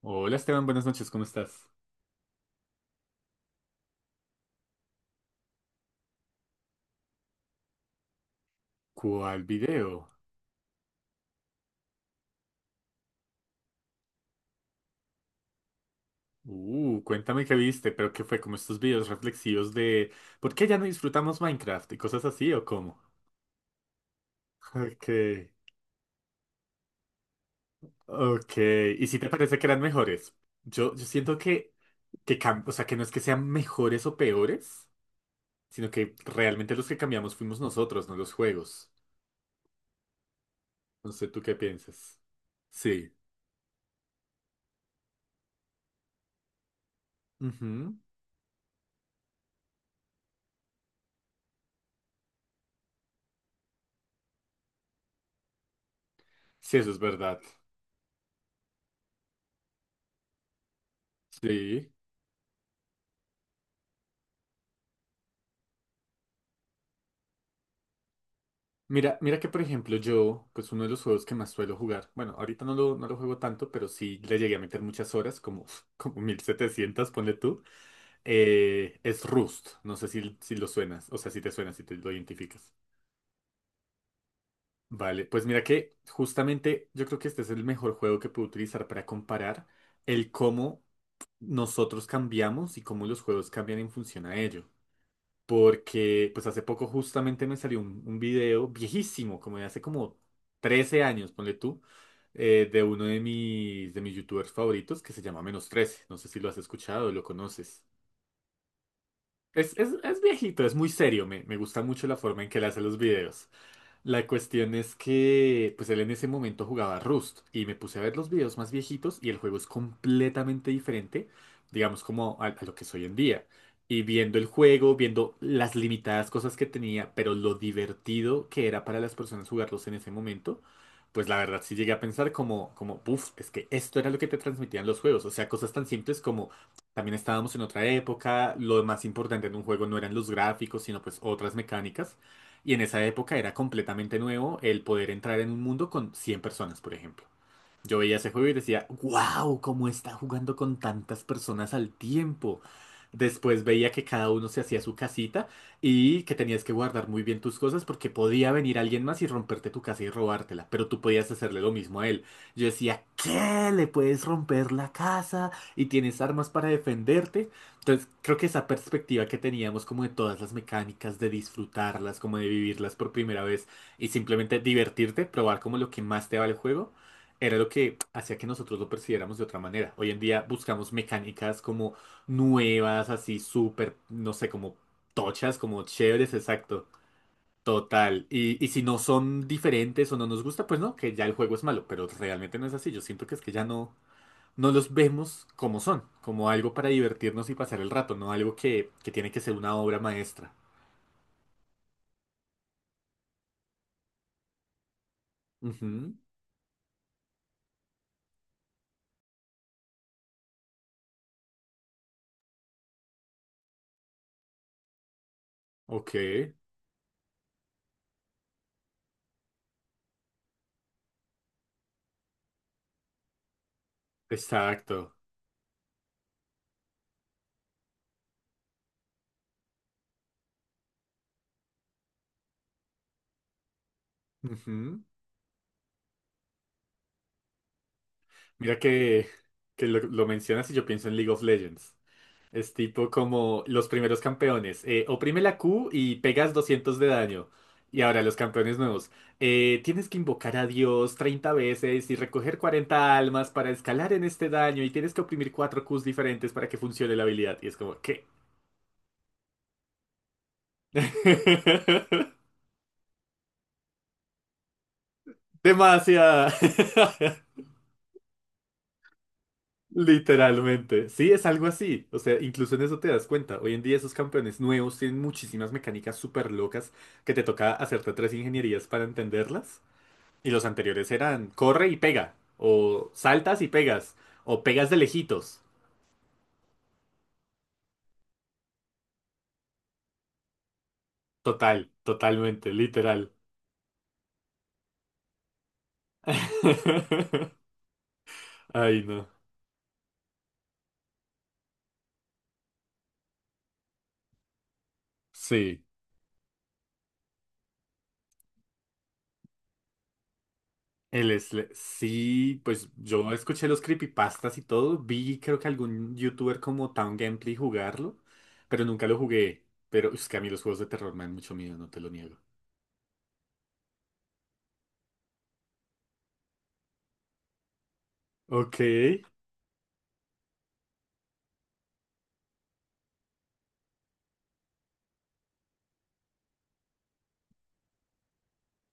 Hola Esteban, buenas noches, ¿cómo estás? ¿Cuál video? Cuéntame qué viste, pero qué fue como estos videos reflexivos de ¿por qué ya no disfrutamos Minecraft y cosas así o cómo? Ok, ok. ¿Y si te parece que eran mejores? Yo siento que, que no es que sean mejores o peores, sino que realmente los que cambiamos fuimos nosotros, no los juegos. No sé, ¿tú qué piensas? Sí. Ujú. Sí, eso es verdad. Sí. Mira, mira que por ejemplo yo, pues uno de los juegos que más suelo jugar, bueno, ahorita no lo juego tanto, pero sí le llegué a meter muchas horas, como, como 1700, ponle tú, es Rust, no sé si lo suenas, o sea, si te suena, si te lo identificas. Vale, pues mira que justamente yo creo que este es el mejor juego que puedo utilizar para comparar el cómo nosotros cambiamos y cómo los juegos cambian en función a ello porque pues hace poco justamente me salió un video viejísimo, como de hace como 13 años, ponle tú, de uno de de mis youtubers favoritos que se llama Menos trece. No sé si lo has escuchado o lo conoces. Es viejito, es muy serio, me gusta mucho la forma en que él hace los videos. La cuestión es que, pues él en ese momento jugaba Rust y me puse a ver los videos más viejitos y el juego es completamente diferente, digamos, como a lo que es hoy en día. Y viendo el juego, viendo las limitadas cosas que tenía, pero lo divertido que era para las personas jugarlos en ese momento, pues la verdad sí llegué a pensar puff es que esto era lo que te transmitían los juegos. O sea, cosas tan simples como también estábamos en otra época, lo más importante en un juego no eran los gráficos, sino pues otras mecánicas. Y en esa época era completamente nuevo el poder entrar en un mundo con 100 personas, por ejemplo. Yo veía ese juego y decía, wow, cómo está jugando con tantas personas al tiempo. Después veía que cada uno se hacía su casita y que tenías que guardar muy bien tus cosas porque podía venir alguien más y romperte tu casa y robártela, pero tú podías hacerle lo mismo a él. Yo decía, ¿qué? ¿Le puedes romper la casa y tienes armas para defenderte? Entonces, creo que esa perspectiva que teníamos como de todas las mecánicas, de disfrutarlas, como de vivirlas por primera vez y simplemente divertirte, probar como lo que más te va el juego era lo que hacía que nosotros lo percibiéramos de otra manera. Hoy en día buscamos mecánicas como nuevas, así súper, no sé, como tochas, como chéveres, exacto. Total. Y si no son diferentes o no nos gusta, pues no, que ya el juego es malo, pero realmente no es así. Yo siento que es que ya no, no los vemos como son, como algo para divertirnos y pasar el rato, no algo que tiene que ser una obra maestra. Ujú, Ok, exacto. Ujú. Mira que, lo mencionas y yo pienso en League of Legends. Es tipo como los primeros campeones. Oprime la Q y pegas 200 de daño. Y ahora los campeones nuevos. Tienes que invocar a Dios 30 veces y recoger 40 almas para escalar en este daño y tienes que oprimir 4 Qs diferentes para que funcione la habilidad. Y es como, ¿qué? Demasiada. Literalmente. Sí, es algo así. O sea, incluso en eso te das cuenta. Hoy en día esos campeones nuevos tienen muchísimas mecánicas súper locas que te toca hacerte tres ingenierías para entenderlas. Y los anteriores eran corre y pega, o saltas y pegas, o pegas de lejitos. Total, totalmente, literal. Ay, no. Sí. Sí, pues yo escuché los creepypastas y todo. Vi, creo que algún youtuber como Town Gameplay jugarlo, pero nunca lo jugué. Pero es que a mí los juegos de terror me dan mucho miedo, no te lo niego. Ok.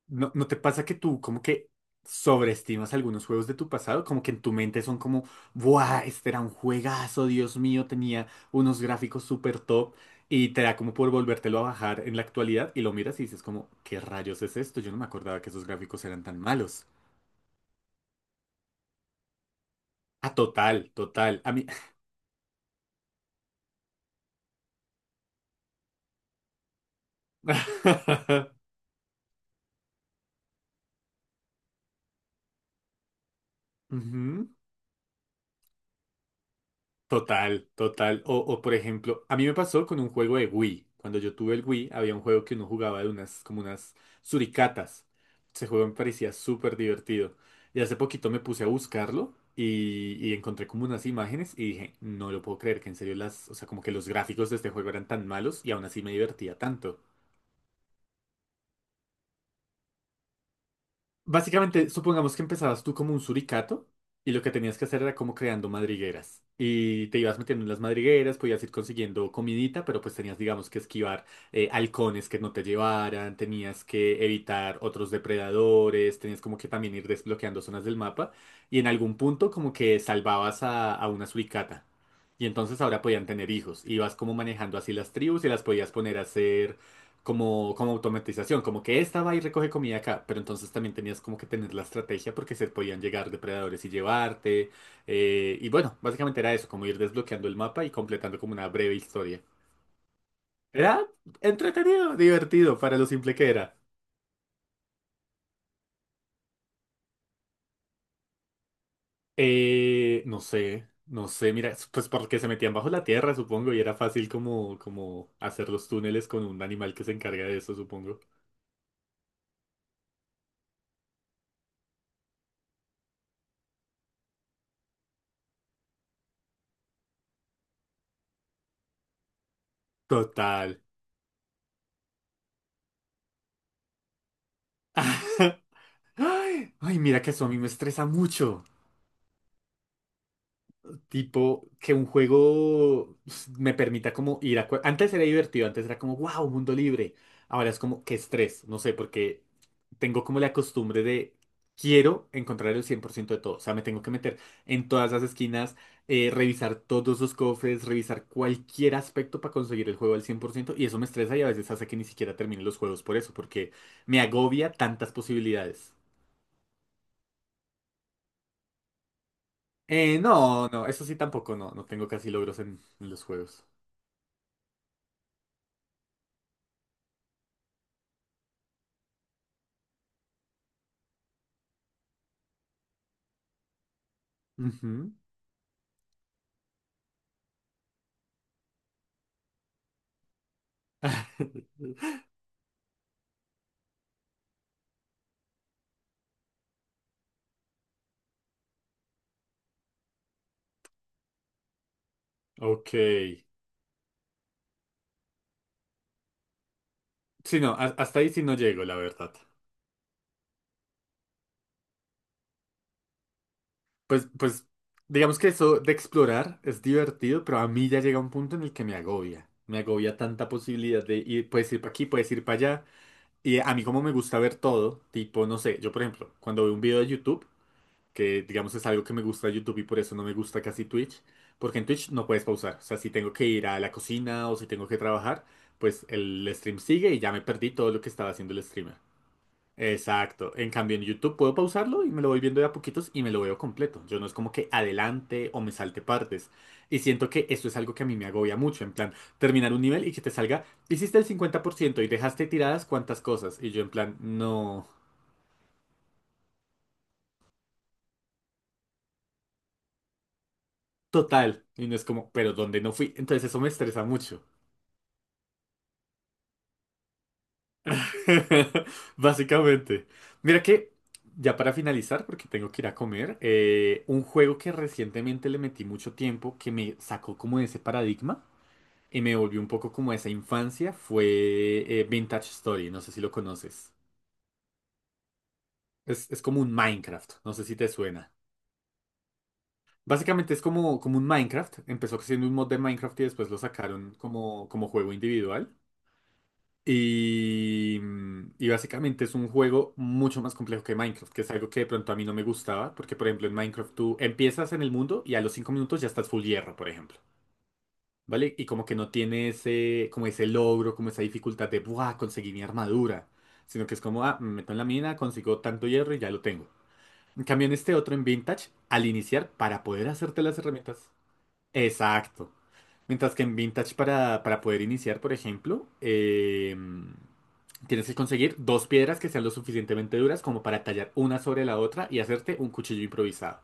¿No, no te pasa que tú como que sobreestimas algunos juegos de tu pasado? Como que en tu mente son como, ¡buah! Este era un juegazo, Dios mío, tenía unos gráficos súper top y te da como por volvértelo a bajar en la actualidad y lo miras y dices como, ¿qué rayos es esto? Yo no me acordaba que esos gráficos eran tan malos. Ah, total, total. A mí... Ujú. Total, total. O por ejemplo, a mí me pasó con un juego de Wii. Cuando yo tuve el Wii, había un juego que uno jugaba de unas, como unas suricatas. Ese juego me parecía súper divertido. Y hace poquito me puse a buscarlo y encontré como unas imágenes y dije, no lo puedo creer que en serio las, o sea, como que los gráficos de este juego eran tan malos y aún así me divertía tanto. Básicamente, supongamos que empezabas tú como un suricato y lo que tenías que hacer era como creando madrigueras. Y te ibas metiendo en las madrigueras, podías ir consiguiendo comidita, pero pues tenías, digamos, que esquivar halcones que no te llevaran, tenías que evitar otros depredadores, tenías como que también ir desbloqueando zonas del mapa y en algún punto como que salvabas a una suricata. Y entonces ahora podían tener hijos. Ibas como manejando así las tribus y las podías poner a hacer como, como automatización, como que esta va y recoge comida acá, pero entonces también tenías como que tener la estrategia porque se podían llegar depredadores y llevarte. Y bueno, básicamente era eso, como ir desbloqueando el mapa y completando como una breve historia. Era entretenido, divertido para lo simple que era. No sé, no sé, mira, pues porque se metían bajo la tierra, supongo, y era fácil como, como hacer los túneles con un animal que se encarga de eso, supongo. Total. Ay, ay, mira que eso a mí me estresa mucho. Tipo, que un juego pues, me permita como ir a... Antes era divertido, antes era como, wow, mundo libre. Ahora es como, qué estrés, no sé, porque tengo como la costumbre de, quiero encontrar el 100% de todo. O sea, me tengo que meter en todas las esquinas, revisar todos los cofres, revisar cualquier aspecto para conseguir el juego al 100%. Y eso me estresa y a veces hace que ni siquiera termine los juegos por eso, porque me agobia tantas posibilidades. No, no, eso sí tampoco, no, no tengo casi logros en los juegos. Ujú. Ok. Sí, no, hasta ahí sí no llego, la verdad. Pues, pues, digamos que eso de explorar es divertido, pero a mí ya llega un punto en el que me agobia. Me agobia tanta posibilidad de ir, puedes ir para aquí, puedes ir para allá. Y a mí como me gusta ver todo, tipo, no sé, yo por ejemplo, cuando veo un video de YouTube, que digamos es algo que me gusta de YouTube y por eso no me gusta casi Twitch, porque en Twitch no puedes pausar. O sea, si tengo que ir a la cocina o si tengo que trabajar, pues el stream sigue y ya me perdí todo lo que estaba haciendo el streamer. Exacto. En cambio, en YouTube puedo pausarlo y me lo voy viendo de a poquitos y me lo veo completo. Yo no es como que adelante o me salte partes. Y siento que eso es algo que a mí me agobia mucho. En plan, terminar un nivel y que te salga, hiciste el 50% y dejaste tiradas cuantas cosas. Y yo en plan, no, total. Y no es como, pero ¿dónde no fui? Entonces eso me estresa mucho. Básicamente. Mira que, ya para finalizar, porque tengo que ir a comer, un juego que recientemente le metí mucho tiempo, que me sacó como de ese paradigma y me volvió un poco como a esa infancia fue Vintage Story, no sé si lo conoces. Es como un Minecraft, no sé si te suena. Básicamente es como, como un Minecraft, empezó siendo un mod de Minecraft y después lo sacaron como, como juego individual. Y, y básicamente es un juego mucho más complejo que Minecraft, que es algo que de pronto a mí no me gustaba, porque por ejemplo en Minecraft tú empiezas en el mundo y a los 5 minutos ya estás full hierro, por ejemplo. ¿Vale? Y como que no tiene ese, como ese logro, como esa dificultad de, ¡buah! Conseguí mi armadura, sino que es como, ah, me meto en la mina, consigo tanto hierro y ya lo tengo. En cambio, en este otro, en Vintage, al iniciar, para poder hacerte las herramientas. Exacto. Mientras que en Vintage para poder iniciar, por ejemplo, tienes que conseguir dos piedras que sean lo suficientemente duras como para tallar una sobre la otra y hacerte un cuchillo improvisado.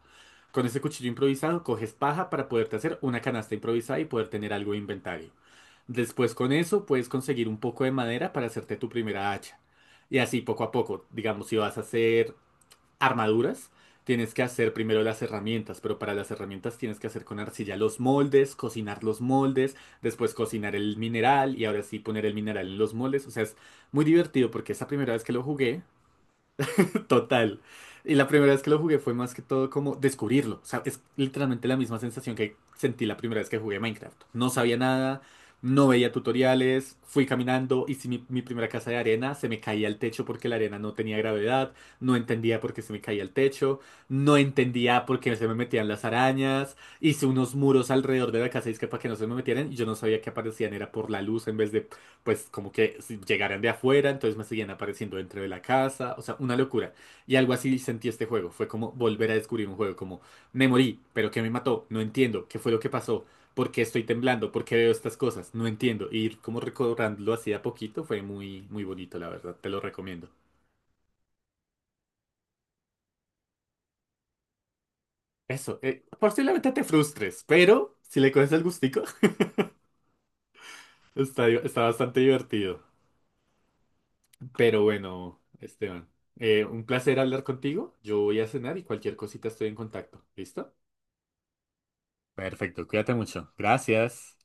Con ese cuchillo improvisado coges paja para poderte hacer una canasta improvisada y poder tener algo de inventario. Después con eso puedes conseguir un poco de madera para hacerte tu primera hacha. Y así poco a poco, digamos, si vas a hacer armaduras, tienes que hacer primero las herramientas, pero para las herramientas tienes que hacer con arcilla los moldes, cocinar los moldes, después cocinar el mineral y ahora sí poner el mineral en los moldes. O sea, es muy divertido porque esa primera vez que lo jugué, total. Y la primera vez que lo jugué fue más que todo como descubrirlo. O sea, es literalmente la misma sensación que sentí la primera vez que jugué Minecraft. No sabía nada, no veía tutoriales, fui caminando, hice mi primera casa de arena, se me caía al techo porque la arena no tenía gravedad, no entendía por qué se me caía al techo, no entendía por qué se me metían las arañas, hice unos muros alrededor de la casa y es que para que no se me metieran, y yo no sabía que aparecían, era por la luz en vez de, pues, como que si llegaran de afuera, entonces me seguían apareciendo dentro de la casa, o sea, una locura. Y algo así sentí este juego. Fue como volver a descubrir un juego, como me morí, pero ¿qué me mató? No entiendo, ¿qué fue lo que pasó? ¿Por qué estoy temblando? ¿Por qué veo estas cosas? No entiendo. Y ir como recordándolo así de a poquito fue muy, muy bonito, la verdad. Te lo recomiendo. Eso, posiblemente te frustres, pero si le coges el gustico, está, está bastante divertido. Pero bueno, Esteban, un placer hablar contigo. Yo voy a cenar y cualquier cosita estoy en contacto. ¿Listo? Perfecto, cuídate mucho. Gracias.